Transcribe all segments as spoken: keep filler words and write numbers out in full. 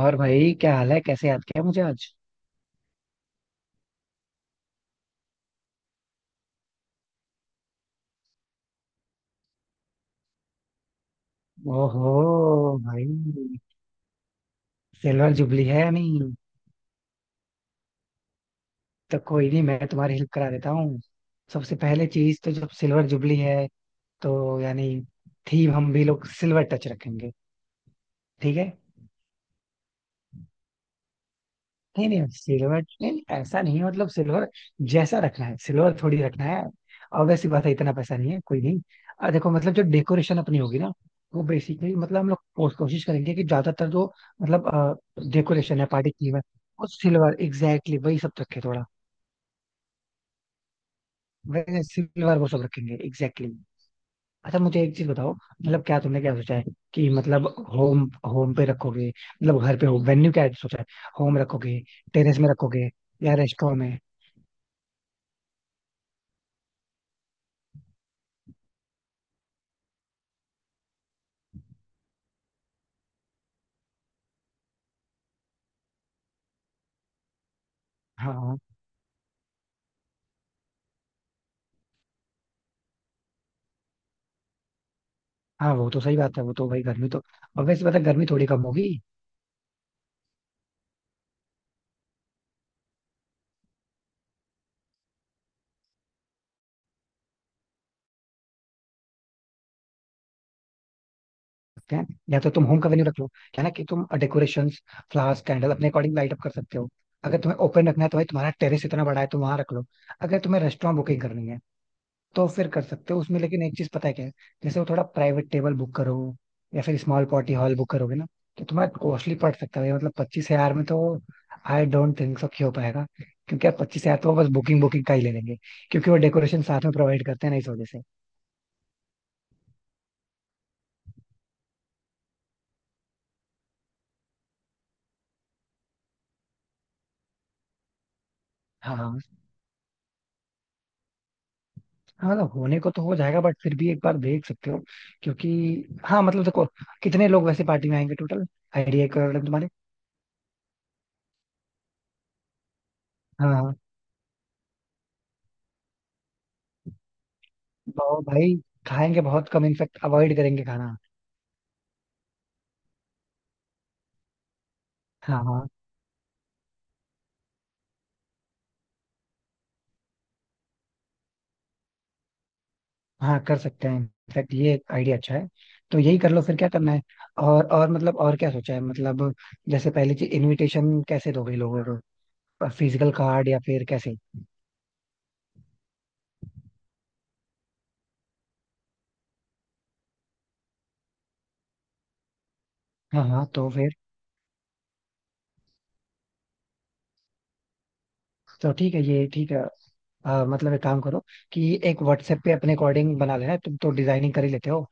और भाई क्या हाल है? कैसे याद किया मुझे आज? ओहो भाई, सिल्वर जुबली है नहीं? तो कोई नहीं, मैं तुम्हारी हेल्प करा देता हूँ। सबसे पहले चीज तो, जब सिल्वर जुबली है तो यानी थीम हम भी लोग सिल्वर टच रखेंगे। ठीक है। नहीं नहीं, सिल्वर नहीं नहीं, ऐसा नहीं है, मतलब सिल्वर जैसा रखना है, सिल्वर थोड़ी रखना है। ऑब्वियस सी बात है, इतना पैसा नहीं है। कोई नहीं। आ, देखो, मतलब जो डेकोरेशन अपनी होगी ना, वो बेसिकली, मतलब हम लोग कोश- कोशिश करेंगे कि ज्यादातर जो मतलब डेकोरेशन है, पार्टी की है, वो सिल्वर एग्जैक्टली वही सब रखे थोड़ा। वैसे सिल्वर वो सब रखेंगे एग्जैक्टली। अच्छा मुझे एक चीज बताओ, मतलब क्या तुमने क्या सोचा है कि मतलब होम, होम पे रखोगे? मतलब घर पे हो, वेन्यू क्या सोचा है? होम रखोगे? टेरेस में रखोगे? या रेस्टोरेंट में? हाँ हाँ। हाँ वो तो सही बात है, वो तो भाई गर्मी तो, और वैसे पता है, गर्मी थोड़ी कम होगी। सकते हैं, या तो तुम होम का वेन्यू रख लो, क्या ना कि तुम डेकोरेशन, फ्लावर्स, कैंडल अपने अकॉर्डिंग लाइट अप कर सकते हो। अगर तुम्हें ओपन रखना है तो भाई तुम्हारा टेरेस इतना बड़ा है, तुम वहां रख लो। अगर तुम्हें रेस्टोरेंट बुकिंग करनी है तो फिर कर सकते हो उसमें, लेकिन एक चीज पता है क्या है, जैसे वो थोड़ा प्राइवेट टेबल बुक करो, या फिर स्मॉल पार्टी हॉल बुक करोगे ना, तो तुम्हारा कॉस्टली पड़ सकता है भाई, मतलब पच्चीस हजार में तो आई डोंट थिंक सो हो पाएगा। क्योंकि यार पच्चीस हजार तो वो बस बुकिंग बुकिंग का ही ले लेंगे, क्योंकि वो डेकोरेशन साथ में प्रोवाइड करते हैं ना, इस वजह से। हाँ हाँ। हाँ, मतलब होने को तो हो जाएगा, बट फिर भी एक बार देख सकते हो, क्योंकि हाँ मतलब देखो, कितने लोग वैसे पार्टी में आएंगे टोटल? आइडिया एक करोड़ तुम्हारे। हाँ हाँ। बहुत भाई खाएंगे बहुत कम, इनफेक्ट अवॉइड करेंगे खाना। हाँ हाँ। हाँ कर सकते हैं, इनफेक्ट ये आइडिया अच्छा है। तो यही कर लो फिर, क्या करना है। और और मतलब और क्या सोचा है मतलब, जैसे पहली चीज इनविटेशन कैसे दोगे लोगों को? फिजिकल कार्ड या फिर कैसे? हाँ हाँ तो फिर, तो ठीक है, ये ठीक है। आ, मतलब एक काम करो कि एक व्हाट्सएप पे अपने अकॉर्डिंग बना लेना, तुम तो डिजाइनिंग कर ही लेते हो।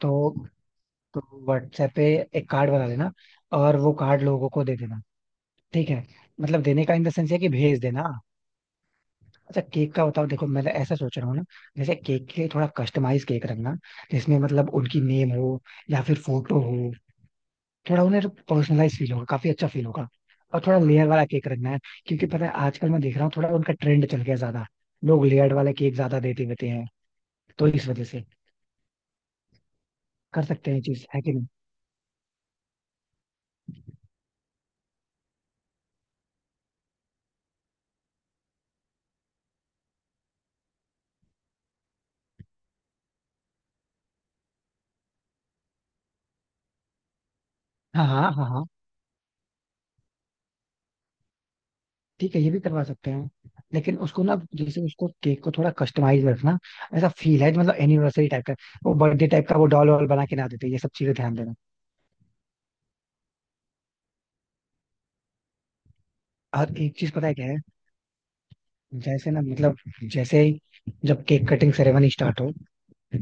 तो तो व्हाट्सएप पे एक कार्ड बना लेना और वो कार्ड लोगों को दे देना। ठीक है, मतलब देने का इन द सेंस है कि भेज देना। अच्छा केक का बताओ, देखो मैं ऐसा सोच रहा हूँ ना, जैसे केक के लिए थोड़ा कस्टमाइज केक रखना, जिसमें मतलब उनकी नेम हो या फिर फोटो हो, थोड़ा उन्हें पर्सनलाइज फील होगा, काफी अच्छा फील होगा। और थोड़ा लेयर वाला केक रखना है, क्योंकि पता है आजकल मैं देख रहा हूँ थोड़ा उनका ट्रेंड चल गया ज्यादा, लोग लेयर्ड वाले केक ज्यादा देते रहते हैं, तो इस वजह से कर सकते हैं, ये चीज है कि नहीं। हाँ हाँ हाँ हाँ। ठीक है ये भी करवा सकते हैं, लेकिन उसको ना, जैसे उसको केक को थोड़ा कस्टमाइज रखना, ऐसा फील है मतलब एनिवर्सरी टाइप का, वो बर्थडे टाइप का वो डॉल वॉल बना के ना देते, ये सब चीजें ध्यान देना। और एक चीज पता है क्या है, जैसे ना मतलब, जैसे ही जब केक कटिंग सेरेमनी स्टार्ट हो,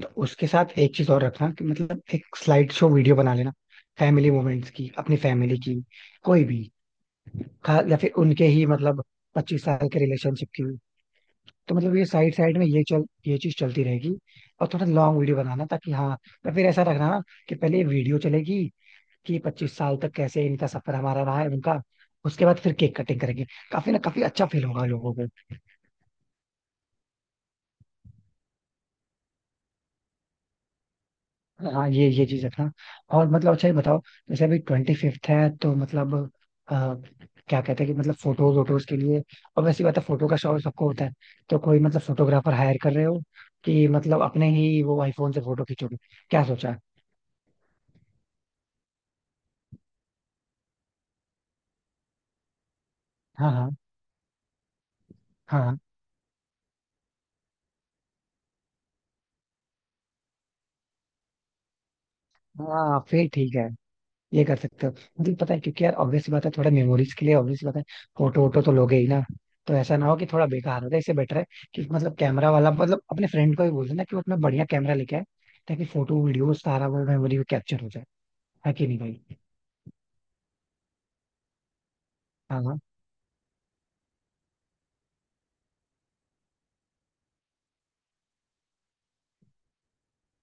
तो उसके साथ एक चीज और रखना कि मतलब एक स्लाइड शो वीडियो बना लेना, फैमिली मोमेंट्स की, अपनी फैमिली की, कोई भी खा या फिर उनके ही मतलब पच्चीस साल के रिलेशनशिप की। तो मतलब ये साइड साइड में ये चल ये चीज चलती रहेगी, और थोड़ा लॉन्ग वीडियो बनाना ताकि हाँ, पर फिर ऐसा रखना ना कि पहले ये वीडियो चलेगी कि पच्चीस साल तक कैसे इनका सफर, हमारा रहा है, उनका, उसके बाद फिर केक कटिंग करेंगे। काफी ना, काफी अच्छा फील होगा लोगों को। हाँ ये ये चीज रखना। और मतलब अच्छा ये बताओ, जैसे अभी ट्वेंटी फिफ्थ है तो मतलब अ, क्या कहते हैं कि मतलब फोटोज वोटोज के लिए, और वैसी बात है फोटो का शौक सबको होता है, तो कोई मतलब फोटोग्राफर हायर कर रहे हो कि मतलब अपने ही वो आईफोन से फोटो खींचोगे, क्या सोचा है? हाँ हाँ। हाँ हाँ फिर ठीक है, ये कर सकते हो। मतलब पता है क्योंकि यार ऑब्वियस बात है, थोड़ा मेमोरीज के लिए ऑब्वियस बात है, फोटो वोटो तो लोगे ही ना, तो ऐसा ना हो कि थोड़ा बेकार हो जाए, इससे बेटर है कि मतलब कैमरा वाला, मतलब अपने फ्रेंड को भी बोल देना कि वो अपना बढ़िया कैमरा लेके आए, ताकि फोटो वीडियो सारा वो मेमोरी में कैप्चर हो जाए। है कि नहीं भाई? हाँ हाँ।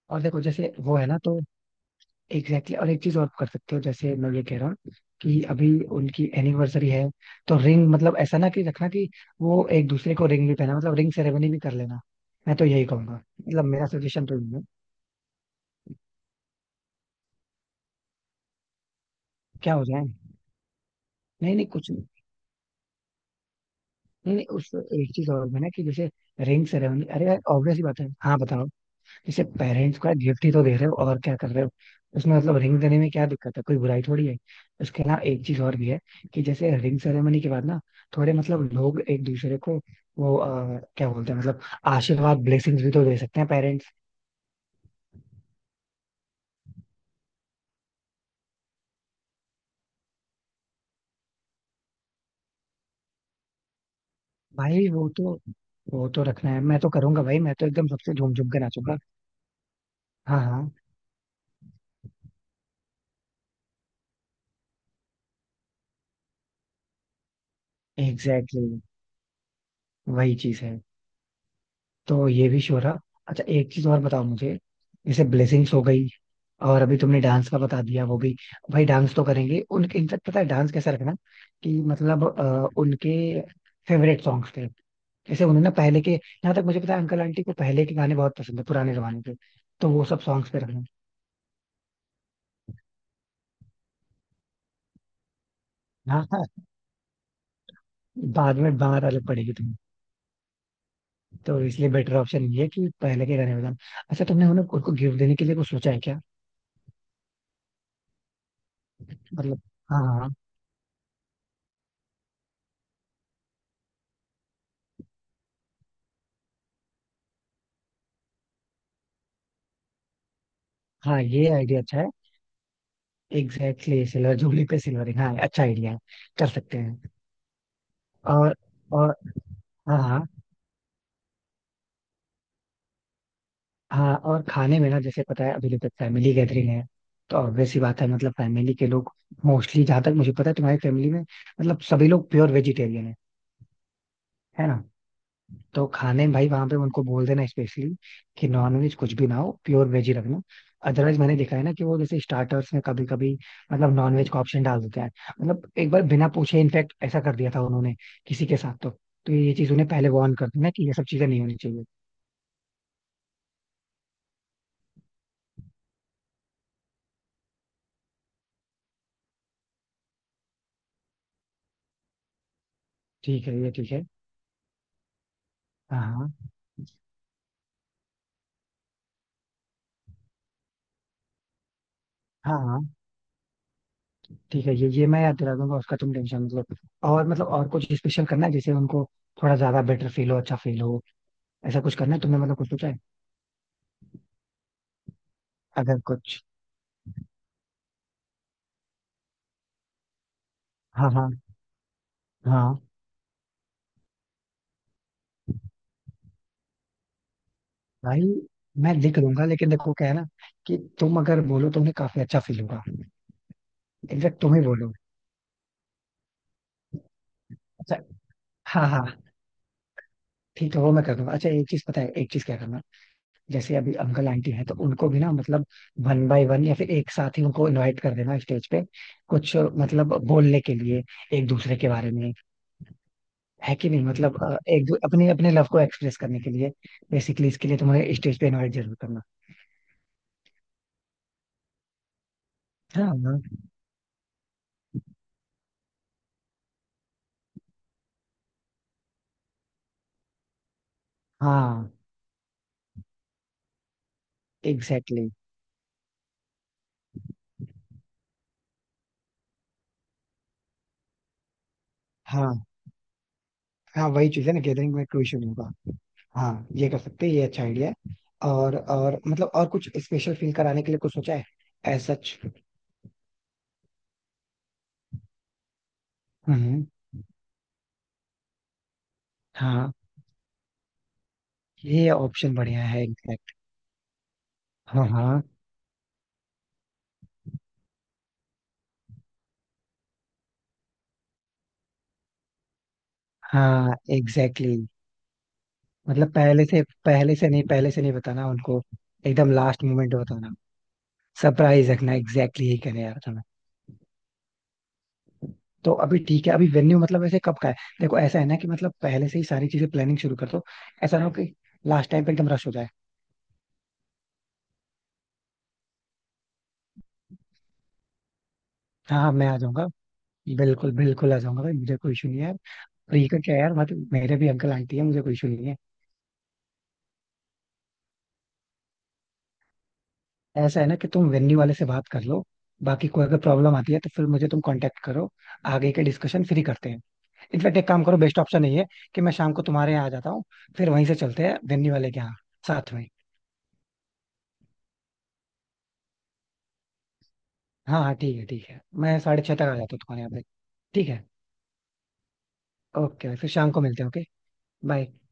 और देखो जैसे वो है ना तो एग्जैक्टली exactly। और एक चीज और कर सकते हो, जैसे मैं ये कह रहा हूँ कि अभी उनकी एनिवर्सरी है तो रिंग, मतलब ऐसा ना कि रखना कि वो एक दूसरे को रिंग भी पहना, मतलब रिंग सेरेमनी भी कर लेना। मैं तो यही कहूंगा, मतलब मेरा सजेशन तो यही है। क्या हो जाए? नहीं नहीं कुछ नहीं। नहीं नहीं, उस एक चीज और भी ना कि जैसे रिंग सेरेमनी, अरे यार ऑब्वियस ही बात है। हाँ बताओ। जैसे पेरेंट्स को गिफ्ट ही तो दे रहे हो और क्या कर रहे हो, उसमें मतलब रिंग देने में क्या दिक्कत है, कोई बुराई थोड़ी है। उसके अलावा एक चीज और भी है कि जैसे रिंग सेरेमनी के बाद ना, थोड़े मतलब लोग एक दूसरे को वो अ, क्या बोलते हैं मतलब आशीर्वाद, ब्लेसिंग्स भी तो दे सकते हैं पेरेंट्स। भाई वो तो, वो तो रखना है, मैं तो करूंगा भाई, मैं तो एकदम सबसे झूम झूम के नाचूंगा। हाँ हाँ एग्जैक्टली exactly, वही चीज है। तो ये भी श्योर रहा। अच्छा एक चीज और बताओ मुझे, जैसे ब्लेसिंग्स हो गई, और अभी तुमने डांस का बता दिया, वो भी भाई डांस तो करेंगे उनके, इनफैक्ट पता है डांस कैसा रखना कि मतलब अ, उनके फेवरेट सॉन्ग्स थे, जैसे उन्हें ना पहले के, यहाँ तक मुझे पता है अंकल आंटी को पहले के गाने बहुत पसंद है, पुराने जमाने के, तो वो सब सॉन्ग्स पे रखना। हाँ हाँ। बाद में बाहर अलग पड़ेगी तुम्हें, तो इसलिए बेटर ऑप्शन ये है कि पहले के गाने बजाना। अच्छा तुमने उन्हें उनको गिफ्ट देने के लिए कुछ सोचा है क्या? मतलब हाँ हाँ। हाँ ये आइडिया अच्छा है। एग्जैक्टली exactly, सिल्वर जुबली पे सिल्वरिंग, हाँ अच्छा आइडिया है। कर सकते हैं। और और हाँ हाँ। हाँ और खाने में ना, जैसे पता है अभी तक फैमिली गैदरिंग है, तो ऑब्वियस सी बात है, मतलब फैमिली के लोग मोस्टली, जहाँ तक मुझे पता है तुम्हारी फैमिली में मतलब सभी लोग प्योर वेजिटेरियन है है ना, तो खाने में भाई वहां पे उनको बोल देना स्पेशली कि नॉनवेज कुछ भी ना हो, प्योर वेज ही रखना। अदरवाइज मैंने देखा है ना कि वो जैसे स्टार्टर्स में कभी कभी मतलब नॉनवेज का ऑप्शन डाल देते हैं, मतलब एक बार बिना पूछे इनफैक्ट ऐसा कर दिया था उन्होंने किसी के साथ, तो तो ये चीज उन्हें पहले वार्न कर देना कि ये सब चीजें नहीं होनी चाहिए। ठीक है ये ठीक है। हाँ हाँ। हाँ हाँ ठीक है, ये ये मैं याद दिला दूंगा, उसका तुम टेंशन मतलब। और मतलब और कुछ स्पेशल करना है जैसे उनको थोड़ा ज्यादा बेटर फील हो, अच्छा फील हो, ऐसा कुछ करना है, तुमने मतलब कुछ सोचा है? अगर कुछ हाँ हाँ। हाँ भाई मैं लिख दूंगा, लेकिन देखो क्या है ना, कि तुम अगर बोलो तो उन्हें काफी अच्छा फील होगा। इनफेक्ट तुम ही बोलो। अच्छा हाँ हाँ ठीक है, वो मैं कर दूंगा। अच्छा एक चीज पता है एक चीज क्या करना, जैसे अभी अंकल आंटी हैं तो उनको भी ना मतलब वन बाय वन या फिर एक साथ ही उनको इनवाइट कर देना स्टेज पे, कुछ मतलब बोलने के लिए एक दूसरे के बारे में, है कि नहीं, मतलब अ, एक दू- अपने अपने लव को एक्सप्रेस करने के लिए, बेसिकली इसके लिए तुम्हें स्टेज पे इनवाइट जरूर करना। है ना। हाँ एग्जैक्टली। हाँ हाँ वही चीज है ना, गैदरिंग में कोई इशू नहीं होगा। हाँ ये कर सकते हैं, ये अच्छा आइडिया है। और और मतलब और कुछ स्पेशल फील कराने के लिए कुछ सोचा है, एज सच? हम्म। हाँ ये ऑप्शन बढ़िया है एग्जैक्ट। हाँ हाँ। हाँ एग्जैक्टली exactly। मतलब पहले से, पहले से नहीं, पहले से नहीं बताना उनको, एकदम लास्ट मोमेंट बताना, सरप्राइज रखना, एग्जैक्टली exactly यही कहने यार तुम्हें। तो अभी ठीक है, अभी वेन्यू मतलब ऐसे कब का है, देखो ऐसा है ना कि मतलब पहले से ही सारी चीजें प्लानिंग शुरू कर दो, ऐसा ना हो कि लास्ट टाइम पे एकदम रश हो जाए। हाँ हाँ मैं आ जाऊंगा। बिल्कुल बिल्कुल आ जाऊंगा भाई, मुझे कोई इशू नहीं है। फ्री का क्या है यार, मतलब मेरे भी अंकल आंटी है, मुझे कोई इशू नहीं है। ऐसा है ना कि तुम वेन्यू वाले से बात कर लो, बाकी कोई अगर प्रॉब्लम आती है तो फिर मुझे तुम कांटेक्ट करो, आगे के डिस्कशन फ्री करते हैं। इनफैक्ट एक काम करो, बेस्ट ऑप्शन यही है कि मैं शाम को तुम्हारे यहाँ आ जाता हूँ, फिर वहीं से चलते हैं वेन्यू वाले के यहाँ साथ में। हाँ हाँ ठीक है ठीक है, मैं साढ़े छः तक आ जाता हूँ तुम्हारे यहाँ पे। ठीक है। ओके फिर शाम को मिलते हैं। ओके। बाय।